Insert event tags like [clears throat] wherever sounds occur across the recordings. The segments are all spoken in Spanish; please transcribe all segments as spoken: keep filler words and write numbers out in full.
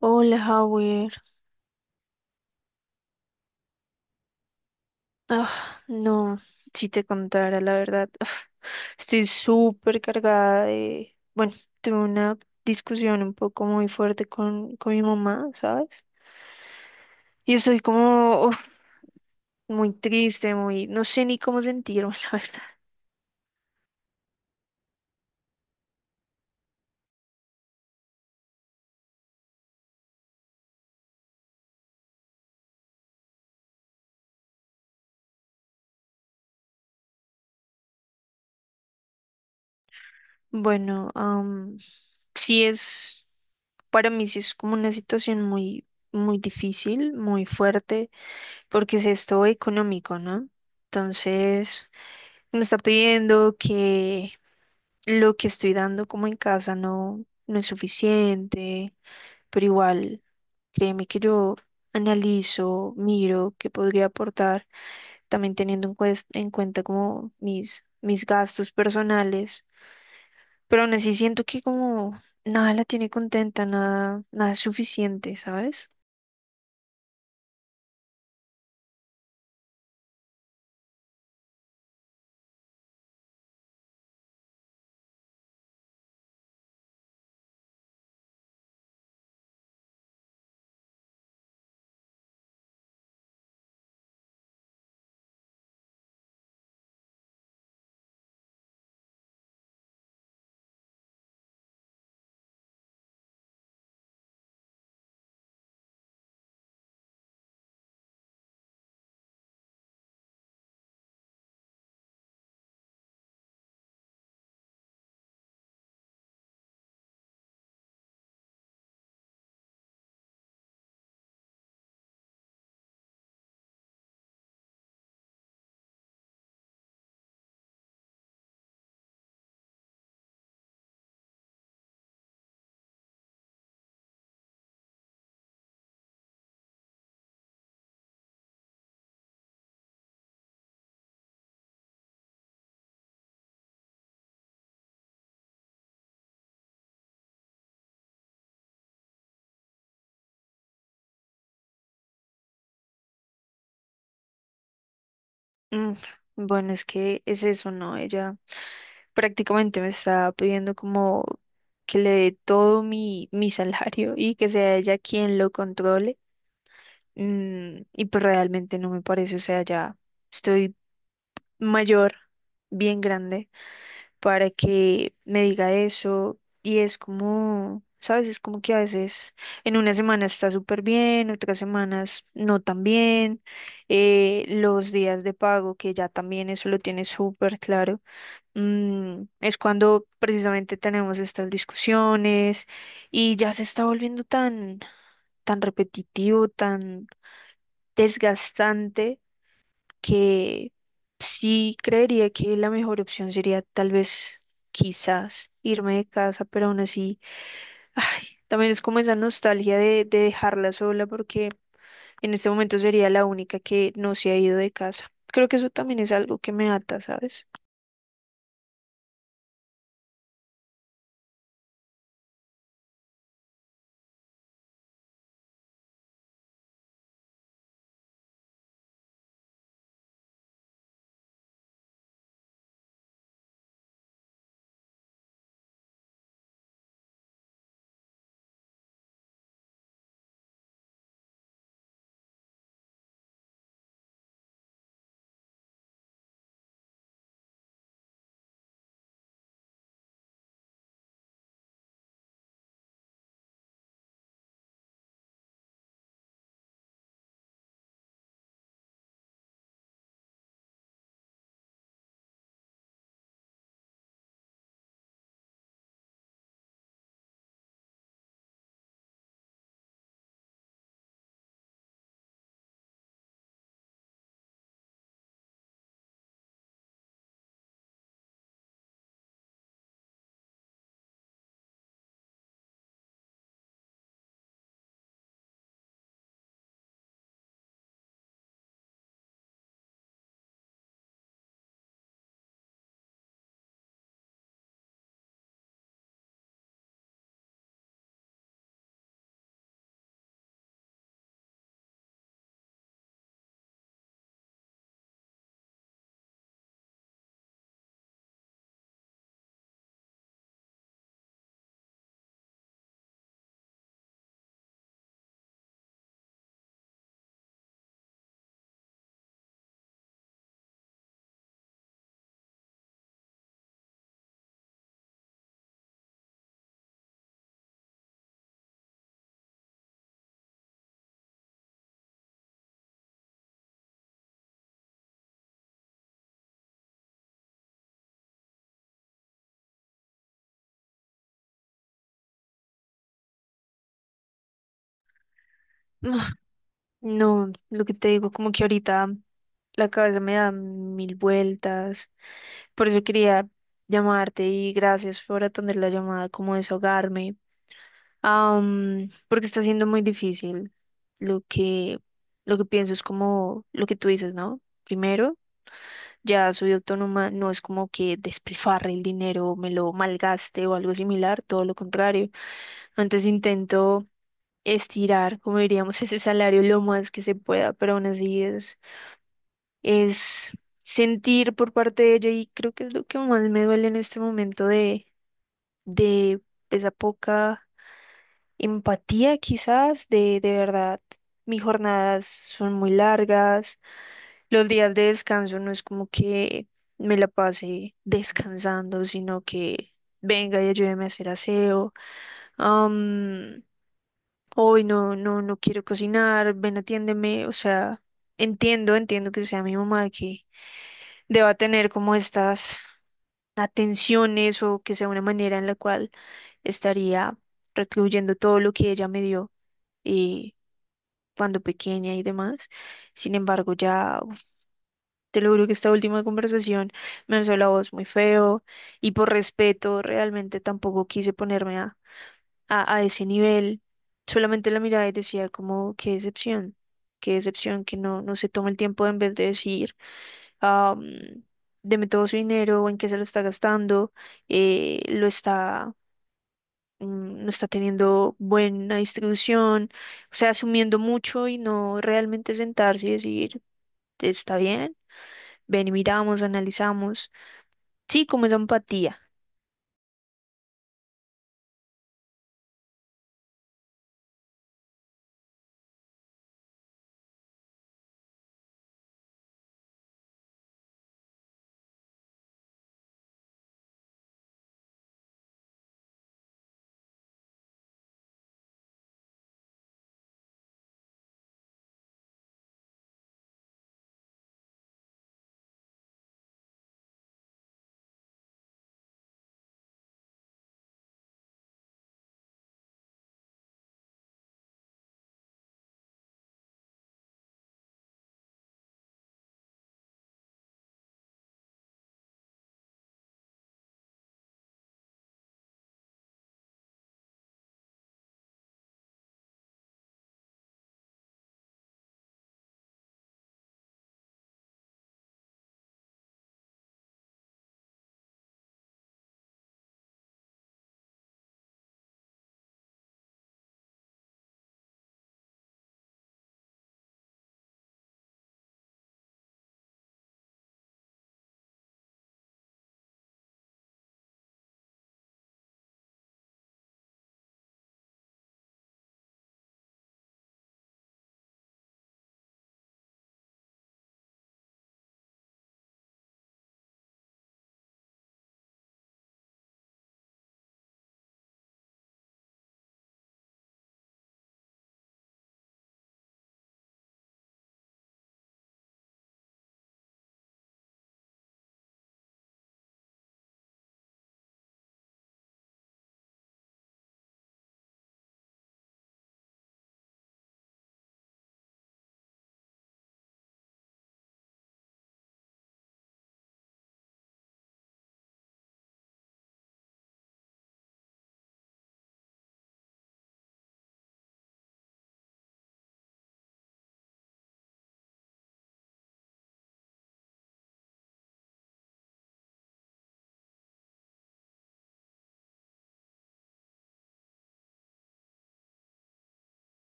Hola, Howard. Ah, no, si te contara la verdad, ah, estoy súper cargada de... Bueno, tuve una discusión un poco muy fuerte con, con mi mamá, ¿sabes? Y estoy como uf, muy triste, muy... No sé ni cómo sentirme, [laughs] la verdad. Bueno, am, sí es... Para mí sí es como una situación muy, muy difícil, muy fuerte, porque es esto económico, ¿no? Entonces, me está pidiendo que lo que estoy dando como en casa no, no es suficiente, pero igual, créeme que yo analizo, miro qué podría aportar, también teniendo en, cues- en cuenta como mis, mis gastos personales, pero aún así siento que como nada la tiene contenta, nada, nada es suficiente, ¿sabes? Mm, bueno, es que es eso, ¿no? Ella prácticamente me está pidiendo como que le dé todo mi, mi [laughs] salario y que sea ella quien lo controle. Mm, y pues realmente no me parece, o sea, ya estoy mayor, bien grande, para que me diga eso. Y es como, ¿sabes? Es como que a veces en una semana está súper bien, otras semanas no tan bien. eh, los días de pago, que ya también eso lo tiene súper claro, mm, es cuando precisamente tenemos estas discusiones y ya se está volviendo tan, tan repetitivo, tan desgastante que sí creería que la mejor opción sería tal vez, quizás, irme de casa, pero aún así, [laughs] ay, también es como esa nostalgia de, de dejarla sola porque en este momento sería la única que no se ha ido de casa. Creo que eso también es algo que me ata, ¿sabes? Ah, no, lo que te digo, como que ahorita la cabeza me da mil vueltas. Por eso quería llamarte y gracias por atender la llamada, como desahogarme. Am, porque está siendo muy difícil. Lo que, lo que pienso es como lo que tú dices, ¿no? Primero, ya soy autónoma, no es como que despilfarre el dinero, me lo malgaste o algo similar, todo lo contrario. Antes intento estirar, como diríamos, [laughs] ese salario lo más que se pueda, pero aún así es, es sentir por parte de ella y creo que es lo que más me duele en este momento de, de esa poca empatía quizás de, de verdad. Mis jornadas son muy largas, los días de descanso no es como que me la pase descansando, sino que venga y ayúdeme a hacer aseo. am, Hoy no, no, no quiero cocinar, ven, atiéndeme. O sea, entiendo, entiendo que sea mi mamá que deba tener como estas atenciones o que sea una manera en la cual estaría recluyendo todo lo que ella me dio eh, cuando pequeña y demás. Sin embargo, ya uf, te lo juro que esta última conversación me alzó la voz muy feo y por respeto realmente tampoco quise ponerme a, a, a ese nivel. Solamente la mirada y decía como, qué decepción, qué decepción que no, no se toma el tiempo en vez de decir, ah, mm, deme todo su dinero o en qué se lo está gastando, eh, lo está mm, no está teniendo buena distribución, o sea, asumiendo mucho y no realmente sentarse y decir, está bien, ven y miramos, analizamos. Sí, como esa empatía.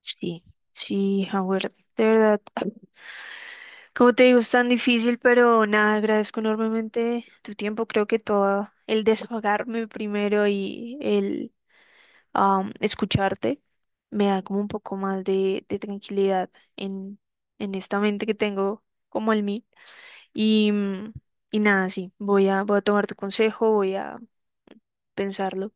Sí, sí, Howard, de verdad. [sighs] [clears throat] Como te digo, es tan difícil, pero nada, agradezco enormemente tu tiempo. Creo que todo el desahogarme primero y el am, escucharte me da como un poco más de, de tranquilidad en, en esta mente que tengo como el mí. Y, mm, y nada, sí, voy a, voy a tomar tu consejo, voy a pensarlo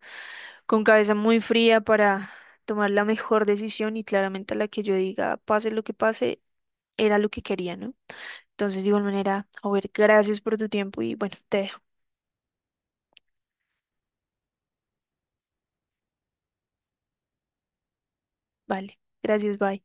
con cabeza muy fría para tomar la mejor decisión y claramente la que yo diga, pase lo que pase, era lo que quería, ¿no? Entonces, de igual manera, a ver, gracias por tu tiempo y bueno, te dejo. Vale, gracias, bye.